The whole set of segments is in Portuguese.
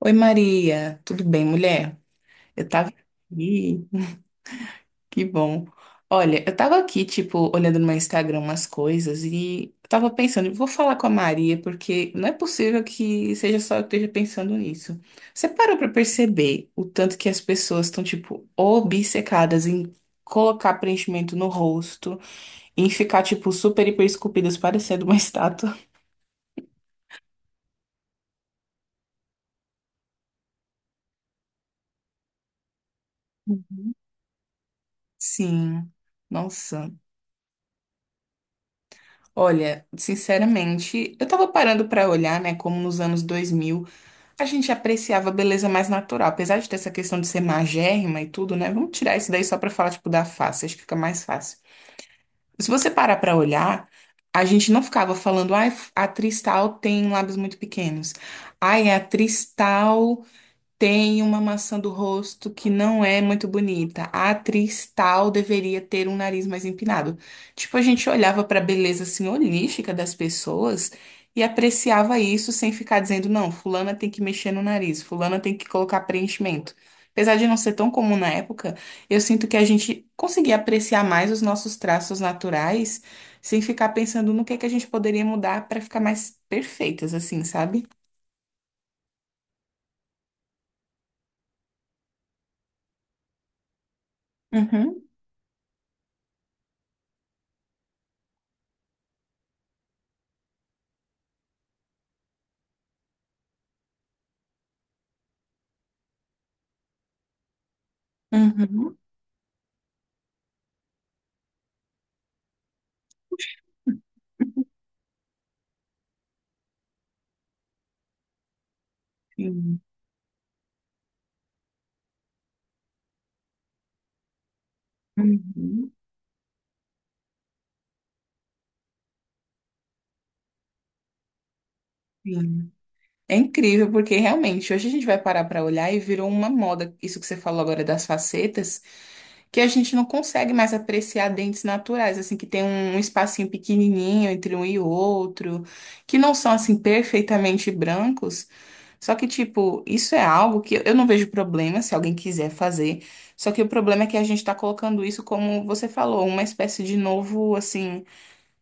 Oi, Maria, tudo bem, mulher? Eu tava aqui. Que bom. Olha, eu tava aqui, tipo, olhando no meu Instagram umas coisas e eu tava pensando, vou falar com a Maria, porque não é possível que seja só eu que esteja pensando nisso. Você parou pra perceber o tanto que as pessoas estão, tipo, obcecadas em colocar preenchimento no rosto, em ficar, tipo, super hiper esculpidas, parecendo uma estátua? Sim, nossa. Olha, sinceramente, eu tava parando pra olhar, né, como nos anos 2000 a gente apreciava a beleza mais natural, apesar de ter essa questão de ser magérrima e tudo, né? Vamos tirar isso daí só pra falar tipo da face, acho que fica mais fácil. Se você parar pra olhar, a gente não ficava falando, ai, a atriz tal tem lábios muito pequenos. Ai, a atriz tal tem uma maçã do rosto que não é muito bonita. A atriz tal deveria ter um nariz mais empinado. Tipo, a gente olhava para a beleza senhorífica das pessoas e apreciava isso sem ficar dizendo, não, fulana tem que mexer no nariz, fulana tem que colocar preenchimento. Apesar de não ser tão comum na época, eu sinto que a gente conseguia apreciar mais os nossos traços naturais sem ficar pensando no que é que a gente poderia mudar para ficar mais perfeitas, assim, sabe? Uhum, uhum. Uhum, sim. É incrível, porque realmente hoje a gente vai parar para olhar e virou uma moda, isso que você falou agora das facetas, que a gente não consegue mais apreciar dentes naturais, assim, que tem um espacinho pequenininho entre um e outro, que não são, assim, perfeitamente brancos. Só que, tipo, isso é algo que eu não vejo problema se alguém quiser fazer. Só que o problema é que a gente tá colocando isso, como você falou, uma espécie de novo, assim.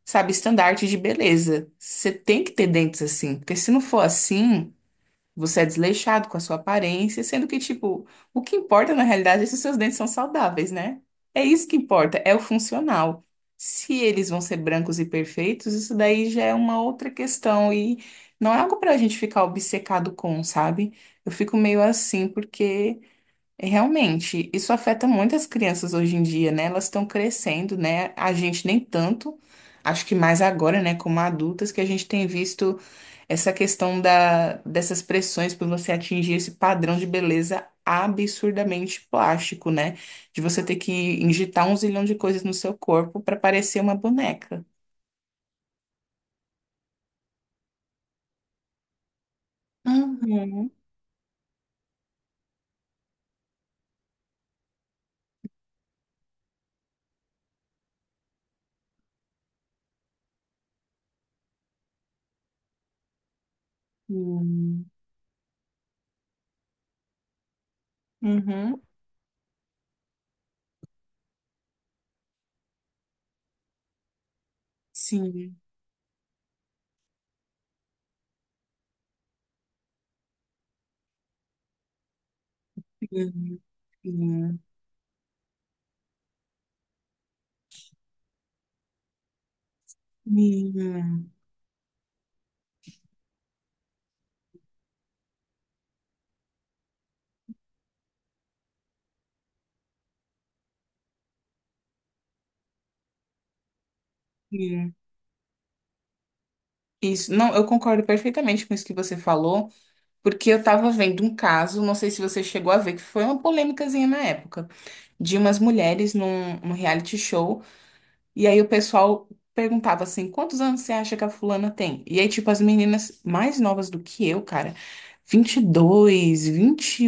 Sabe, estandarte de beleza. Você tem que ter dentes assim, porque se não for assim, você é desleixado com a sua aparência, sendo que, tipo, o que importa na realidade é se os seus dentes são saudáveis, né? É isso que importa, é o funcional. Se eles vão ser brancos e perfeitos, isso daí já é uma outra questão e não é algo pra gente ficar obcecado com, sabe? Eu fico meio assim porque realmente, isso afeta muitas crianças hoje em dia, né? Elas estão crescendo, né? A gente nem tanto, acho que mais agora, né, como adultas, que a gente tem visto essa questão dessas pressões por você atingir esse padrão de beleza absurdamente plástico, né? De você ter que injetar um zilhão de coisas no seu corpo para parecer uma boneca. Uhum. Uhum. Uhum. Sim. Sim. Sim. Sim. Sim. Isso, não, eu concordo perfeitamente com isso que você falou, porque eu tava vendo um caso, não sei se você chegou a ver, que foi uma polêmicazinha na época, de umas mulheres num reality show. E aí o pessoal perguntava assim: quantos anos você acha que a fulana tem? E aí, tipo, as meninas mais novas do que eu, cara, 22,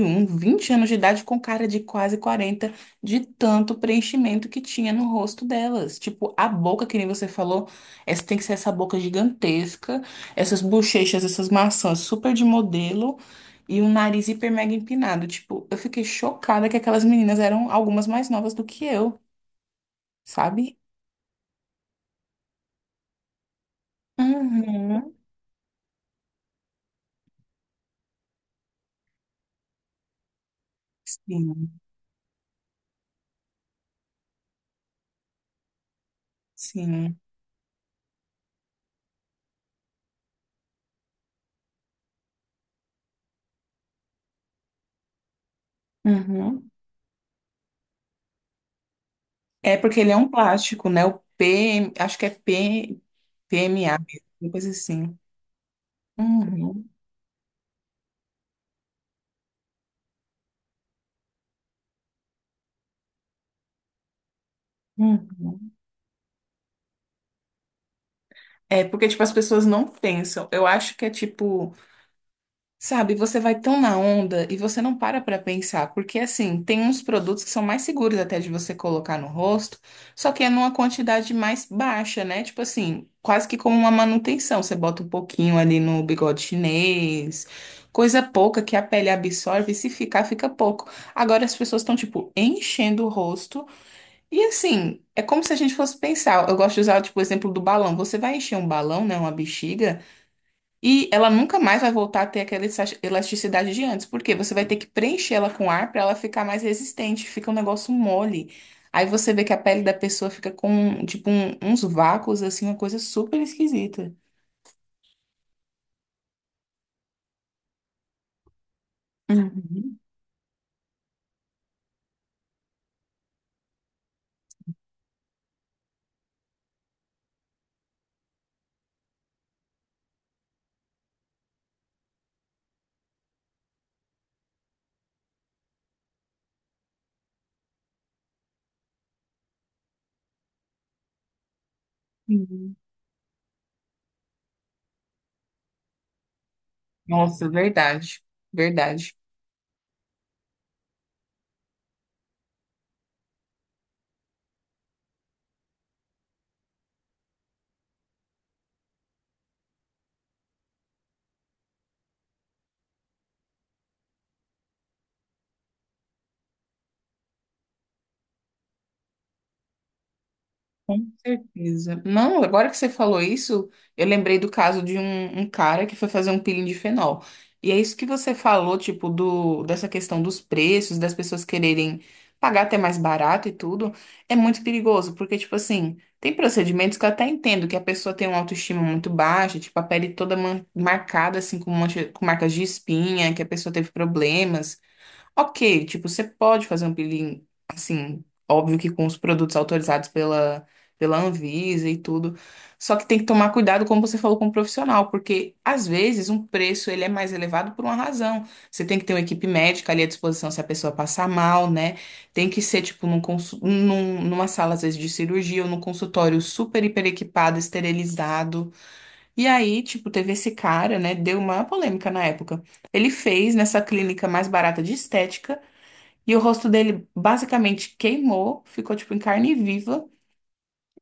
20 anos de idade, com cara de quase 40 de tanto preenchimento que tinha no rosto delas. Tipo, a boca, que nem você falou, essa tem que ser essa boca gigantesca, essas bochechas, essas maçãs super de modelo. E um nariz hiper mega empinado. Tipo, eu fiquei chocada que aquelas meninas eram algumas mais novas do que eu, sabe? Uhum. Sim, sim. Uhum. É porque ele é um plástico, né? O P, acho que é P, PMA, a uma coisa assim. Uhum. Uhum. É porque, tipo, as pessoas não pensam. Eu acho que é tipo. Sabe, você vai tão na onda e você não para pra pensar, porque assim, tem uns produtos que são mais seguros até de você colocar no rosto, só que é numa quantidade mais baixa, né? Tipo assim, quase que como uma manutenção. Você bota um pouquinho ali no bigode chinês, coisa pouca que a pele absorve, e se ficar, fica pouco. Agora as pessoas estão, tipo, enchendo o rosto e assim, é como se a gente fosse pensar. Eu gosto de usar, tipo, o exemplo do balão. Você vai encher um balão, né? Uma bexiga. E ela nunca mais vai voltar a ter aquela elasticidade de antes, porque você vai ter que preencher ela com ar para ela ficar mais resistente, fica um negócio mole. Aí você vê que a pele da pessoa fica com, tipo, uns vácuos, assim, uma coisa super esquisita. Uhum. Uhum. Nossa, verdade, verdade. Com certeza. Não, agora que você falou isso, eu lembrei do caso de um cara que foi fazer um peeling de fenol. E é isso que você falou, tipo, dessa questão dos preços, das pessoas quererem pagar até mais barato e tudo, é muito perigoso, porque, tipo assim, tem procedimentos que eu até entendo que a pessoa tem uma autoestima muito baixa, tipo, a pele toda marcada, assim, com marcas de espinha, que a pessoa teve problemas. Ok, tipo, você pode fazer um peeling, assim, óbvio que com os produtos autorizados pela Anvisa e tudo. Só que tem que tomar cuidado, como você falou, com o profissional, porque às vezes um preço ele é mais elevado por uma razão. Você tem que ter uma equipe médica ali à disposição se a pessoa passar mal, né? Tem que ser, tipo, numa sala, às vezes, de cirurgia ou num consultório super, hiper equipado, esterilizado. E aí, tipo, teve esse cara, né? Deu uma polêmica na época. Ele fez nessa clínica mais barata de estética. E o rosto dele basicamente queimou, ficou tipo em carne viva,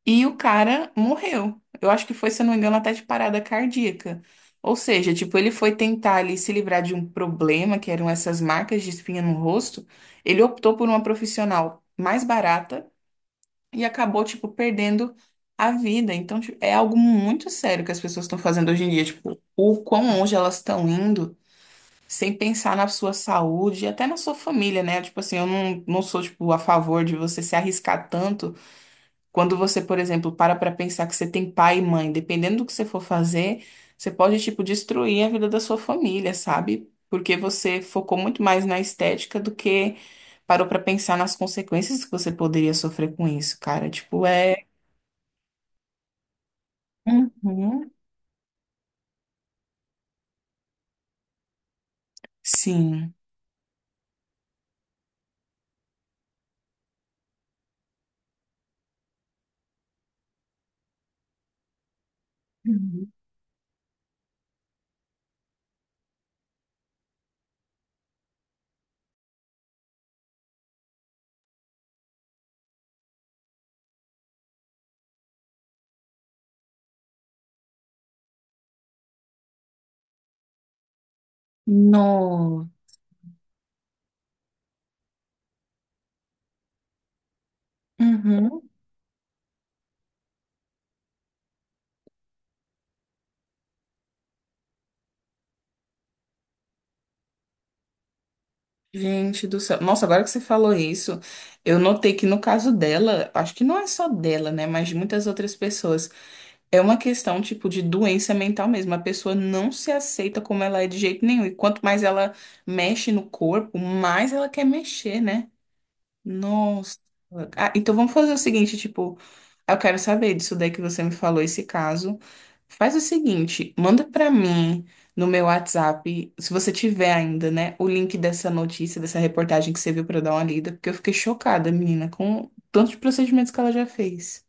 e o cara morreu. Eu acho que foi, se eu não me engano, até de parada cardíaca. Ou seja, tipo, ele foi tentar ali se livrar de um problema, que eram essas marcas de espinha no rosto. Ele optou por uma profissional mais barata e acabou, tipo, perdendo a vida. Então, tipo, é algo muito sério que as pessoas estão fazendo hoje em dia, tipo, o quão longe elas estão indo sem pensar na sua saúde e até na sua família, né? Tipo assim, eu não sou, tipo, a favor de você se arriscar tanto quando você, por exemplo, para pra pensar que você tem pai e mãe. Dependendo do que você for fazer, você pode, tipo, destruir a vida da sua família, sabe? Porque você focou muito mais na estética do que parou pra pensar nas consequências que você poderia sofrer com isso, cara. Tipo, é. Uhum. Sim. Uhum. No. Uhum. Gente do céu. Nossa, agora que você falou isso, eu notei que no caso dela, acho que não é só dela, né, mas de muitas outras pessoas, é uma questão tipo de doença mental mesmo. A pessoa não se aceita como ela é de jeito nenhum. E quanto mais ela mexe no corpo, mais ela quer mexer, né? Nossa. Ah, então vamos fazer o seguinte, tipo, eu quero saber disso daí que você me falou, esse caso. Faz o seguinte, manda pra mim no meu WhatsApp, se você tiver ainda, né, o link dessa notícia, dessa reportagem que você viu pra eu dar uma lida, porque eu fiquei chocada, menina, com tantos procedimentos que ela já fez.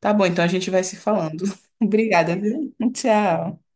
Tá bom, então a gente vai se falando. Obrigada, viu? Tchau.